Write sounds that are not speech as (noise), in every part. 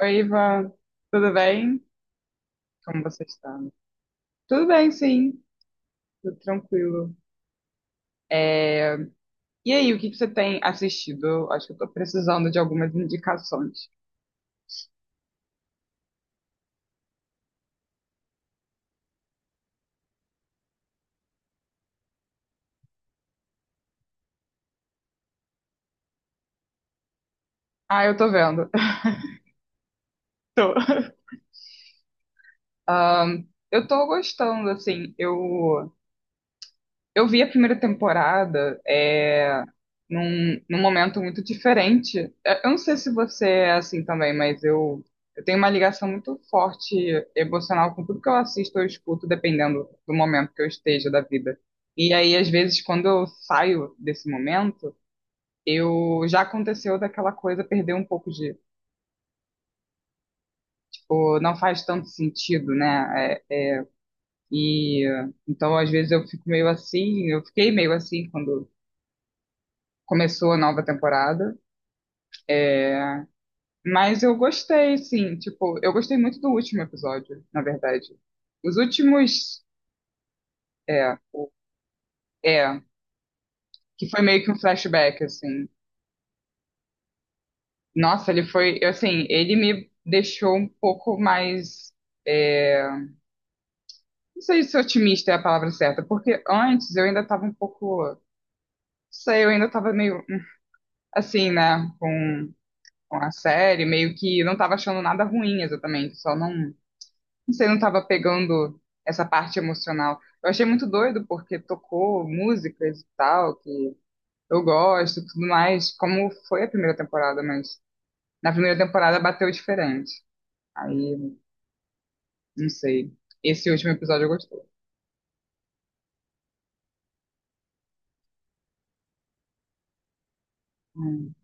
Oi, Ivan, tudo bem? Como você está? Tudo bem, sim, tudo tranquilo. É, E aí, o que que você tem assistido? Eu Acho que eu tô precisando de algumas indicações. Ah, eu tô vendo. (laughs) Tô. Eu tô gostando, assim, eu vi a primeira temporada, num momento muito diferente. Eu não sei se você é assim também, mas eu tenho uma ligação muito forte emocional com tudo que eu assisto ou escuto, dependendo do momento que eu esteja da vida. E aí, às vezes, quando eu saio desse momento, eu já aconteceu daquela coisa perder um pouco de, tipo, não faz tanto sentido, né? E então, às vezes, eu fico meio assim, eu fiquei meio assim quando começou a nova temporada. Mas eu gostei, sim. Tipo, eu gostei muito do último episódio, na verdade. Os últimos. É, o- é, que foi meio que um flashback, assim. Nossa, ele foi. Assim, ele me deixou um pouco mais. é, não sei se otimista é a palavra certa, porque antes eu ainda tava um pouco. Não sei, eu ainda tava meio. Assim, né? Com a série, meio que não tava achando nada ruim exatamente, só não. Você não estava pegando essa parte emocional. Eu achei muito doido porque tocou músicas e tal, que eu gosto e tudo mais, como foi a primeira temporada, mas na primeira temporada bateu diferente. Aí, não sei. Esse último episódio eu gostei. Hum.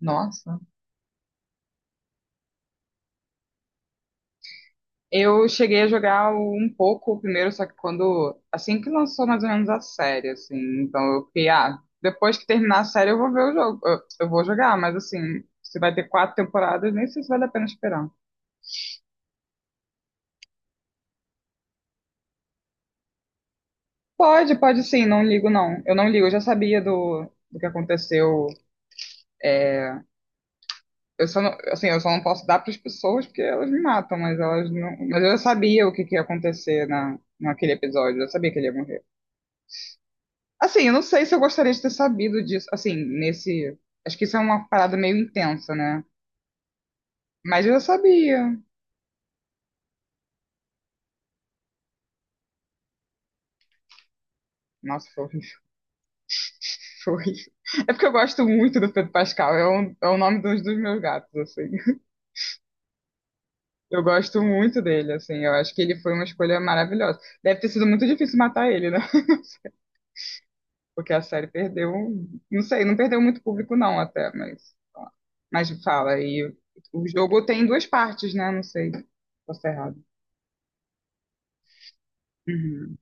Nossa. Eu cheguei a jogar um pouco o primeiro, só que quando. Assim que lançou mais ou menos a série, assim. Então eu fiquei, ah, depois que terminar a série eu vou ver o jogo. Eu vou jogar, mas assim, se vai ter quatro temporadas, nem sei se vale a pena esperar. Pode, pode sim, não ligo não. Eu não ligo, eu já sabia do que aconteceu. Eu só não, assim, eu só não posso dar para as pessoas porque elas me matam, mas elas não, mas eu já sabia que ia acontecer naquele episódio, eu já sabia que ele ia morrer. Assim, eu não sei se eu gostaria de ter sabido disso, assim, nesse, acho que isso é uma parada meio intensa, né? Mas eu já sabia. Nossa, foi, (laughs) horrível, foi horrível. É porque eu gosto muito do Pedro Pascal, é é o nome dos meus gatos, assim. Eu gosto muito dele, assim. Eu acho que ele foi uma escolha maravilhosa. Deve ter sido muito difícil matar ele, né? (laughs) Porque a série perdeu. Não sei, não perdeu muito público, não, até, mas. Mas fala, e o jogo tem duas partes, né? Não sei. Posso errado. Uhum.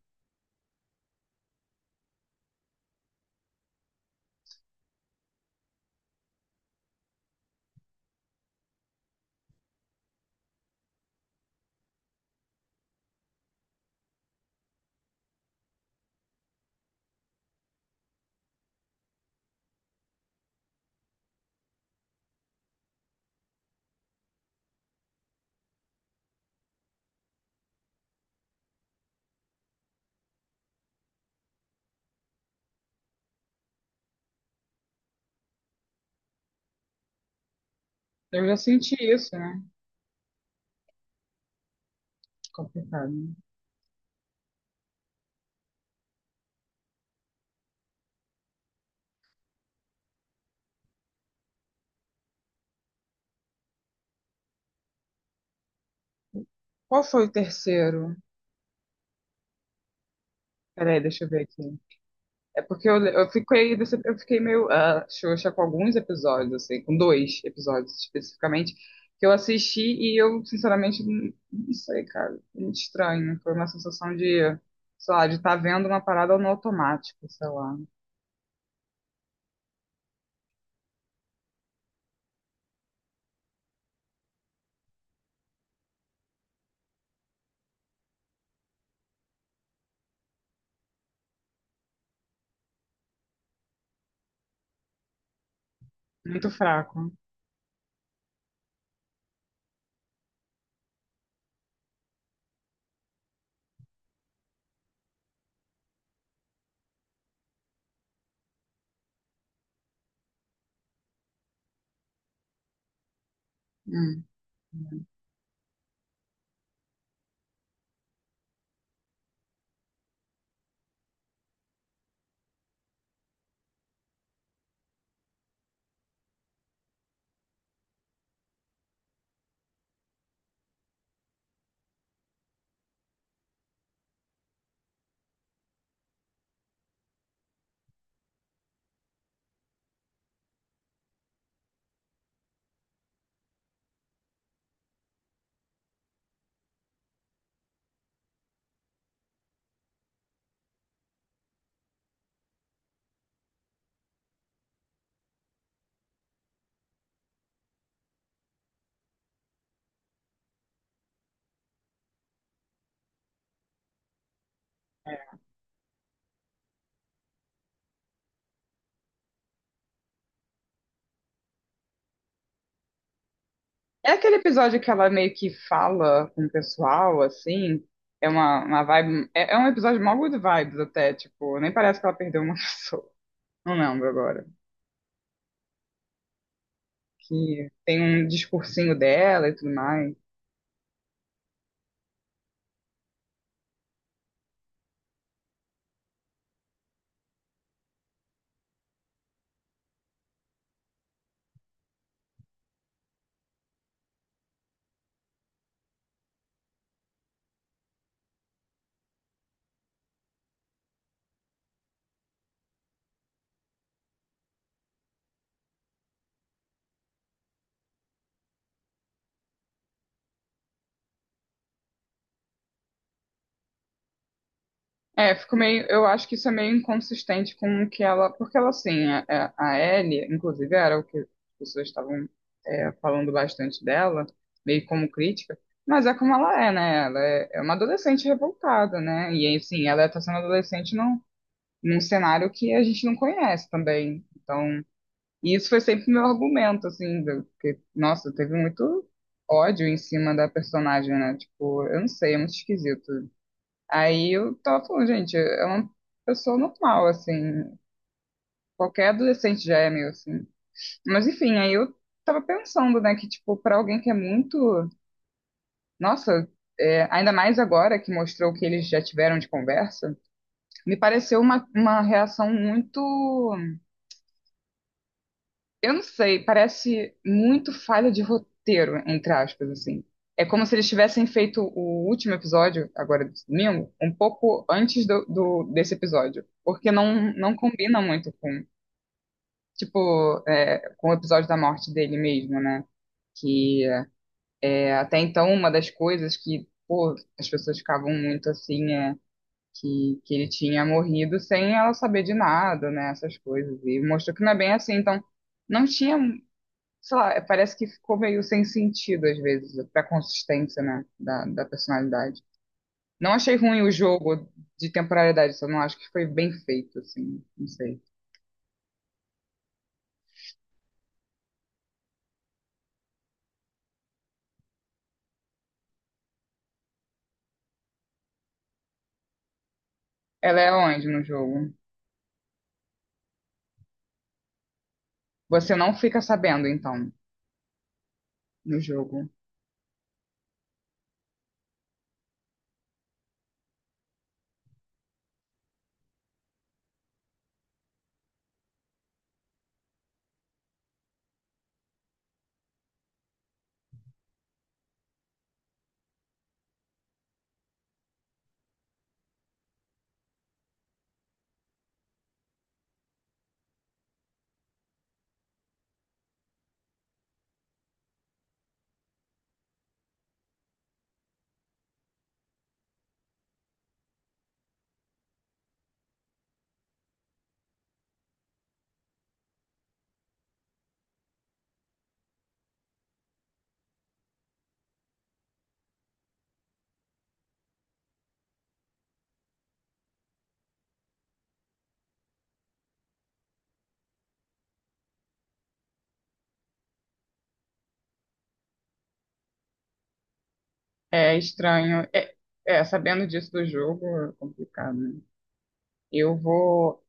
Eu já senti isso, né? Complicado. Qual foi o terceiro? Peraí, deixa eu ver aqui. É porque eu fiquei, eu fiquei meio ah, xoxa com alguns episódios, assim, com dois episódios especificamente, que eu assisti e eu, sinceramente, não, não sei, cara. Foi muito estranho. Foi uma sensação de, sei lá, de estar vendo uma parada no automático, sei lá. Muito fraco. Hum. É aquele episódio que ela meio que fala com o pessoal, assim. É uma vibe. É um episódio mó good vibes até, tipo, nem parece que ela perdeu uma (laughs) pessoa. Não lembro agora. Que tem um discursinho dela e tudo mais. É, fico meio, eu acho que isso é meio inconsistente com o que ela, porque ela assim, a Ellie, inclusive era o que as pessoas estavam falando bastante dela, meio como crítica, mas é como ela é, né? Ela é uma adolescente revoltada, né? E assim, ela está sendo adolescente num cenário que a gente não conhece também. Então, e isso foi sempre meu argumento, assim, do, que, nossa, teve muito ódio em cima da personagem, né? Tipo, eu não sei, é muito esquisito. Aí eu tava falando, gente, é uma pessoa normal, assim, qualquer adolescente já é meio assim. Mas enfim, aí eu tava pensando, né, que, tipo, pra alguém que é muito. Nossa, é, ainda mais agora que mostrou o que eles já tiveram de conversa, me pareceu uma reação muito, eu não sei, parece muito falha de roteiro, entre aspas, assim. É como se eles tivessem feito o último episódio, agora do domingo, um pouco antes desse episódio. Porque não, não combina muito com, tipo, é, com o episódio da morte dele mesmo, né? Que é, até então uma das coisas que, pô, as pessoas ficavam muito assim, que ele tinha morrido sem ela saber de nada, né? Essas coisas. E mostrou que não é bem assim, então não tinha, sei lá, é, parece que ficou meio sem sentido às vezes, pra consistência, né, da personalidade. Não achei ruim o jogo de temporalidade, só não acho que foi bem feito, assim, não sei. Ela é onde no jogo? Você não fica sabendo, então, no jogo. É estranho. Sabendo disso do jogo é complicado, né? Eu vou.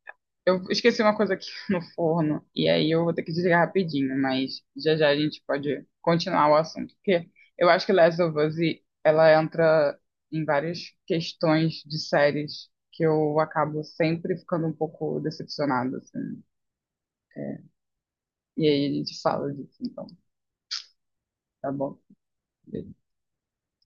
Eu esqueci uma coisa aqui (laughs) no forno e aí eu vou ter que desligar rapidinho, mas já já a gente pode continuar o assunto, porque eu acho que Last of Us ela entra em várias questões de séries que eu acabo sempre ficando um pouco decepcionada, assim. é, E aí a gente fala disso, então, tá bom?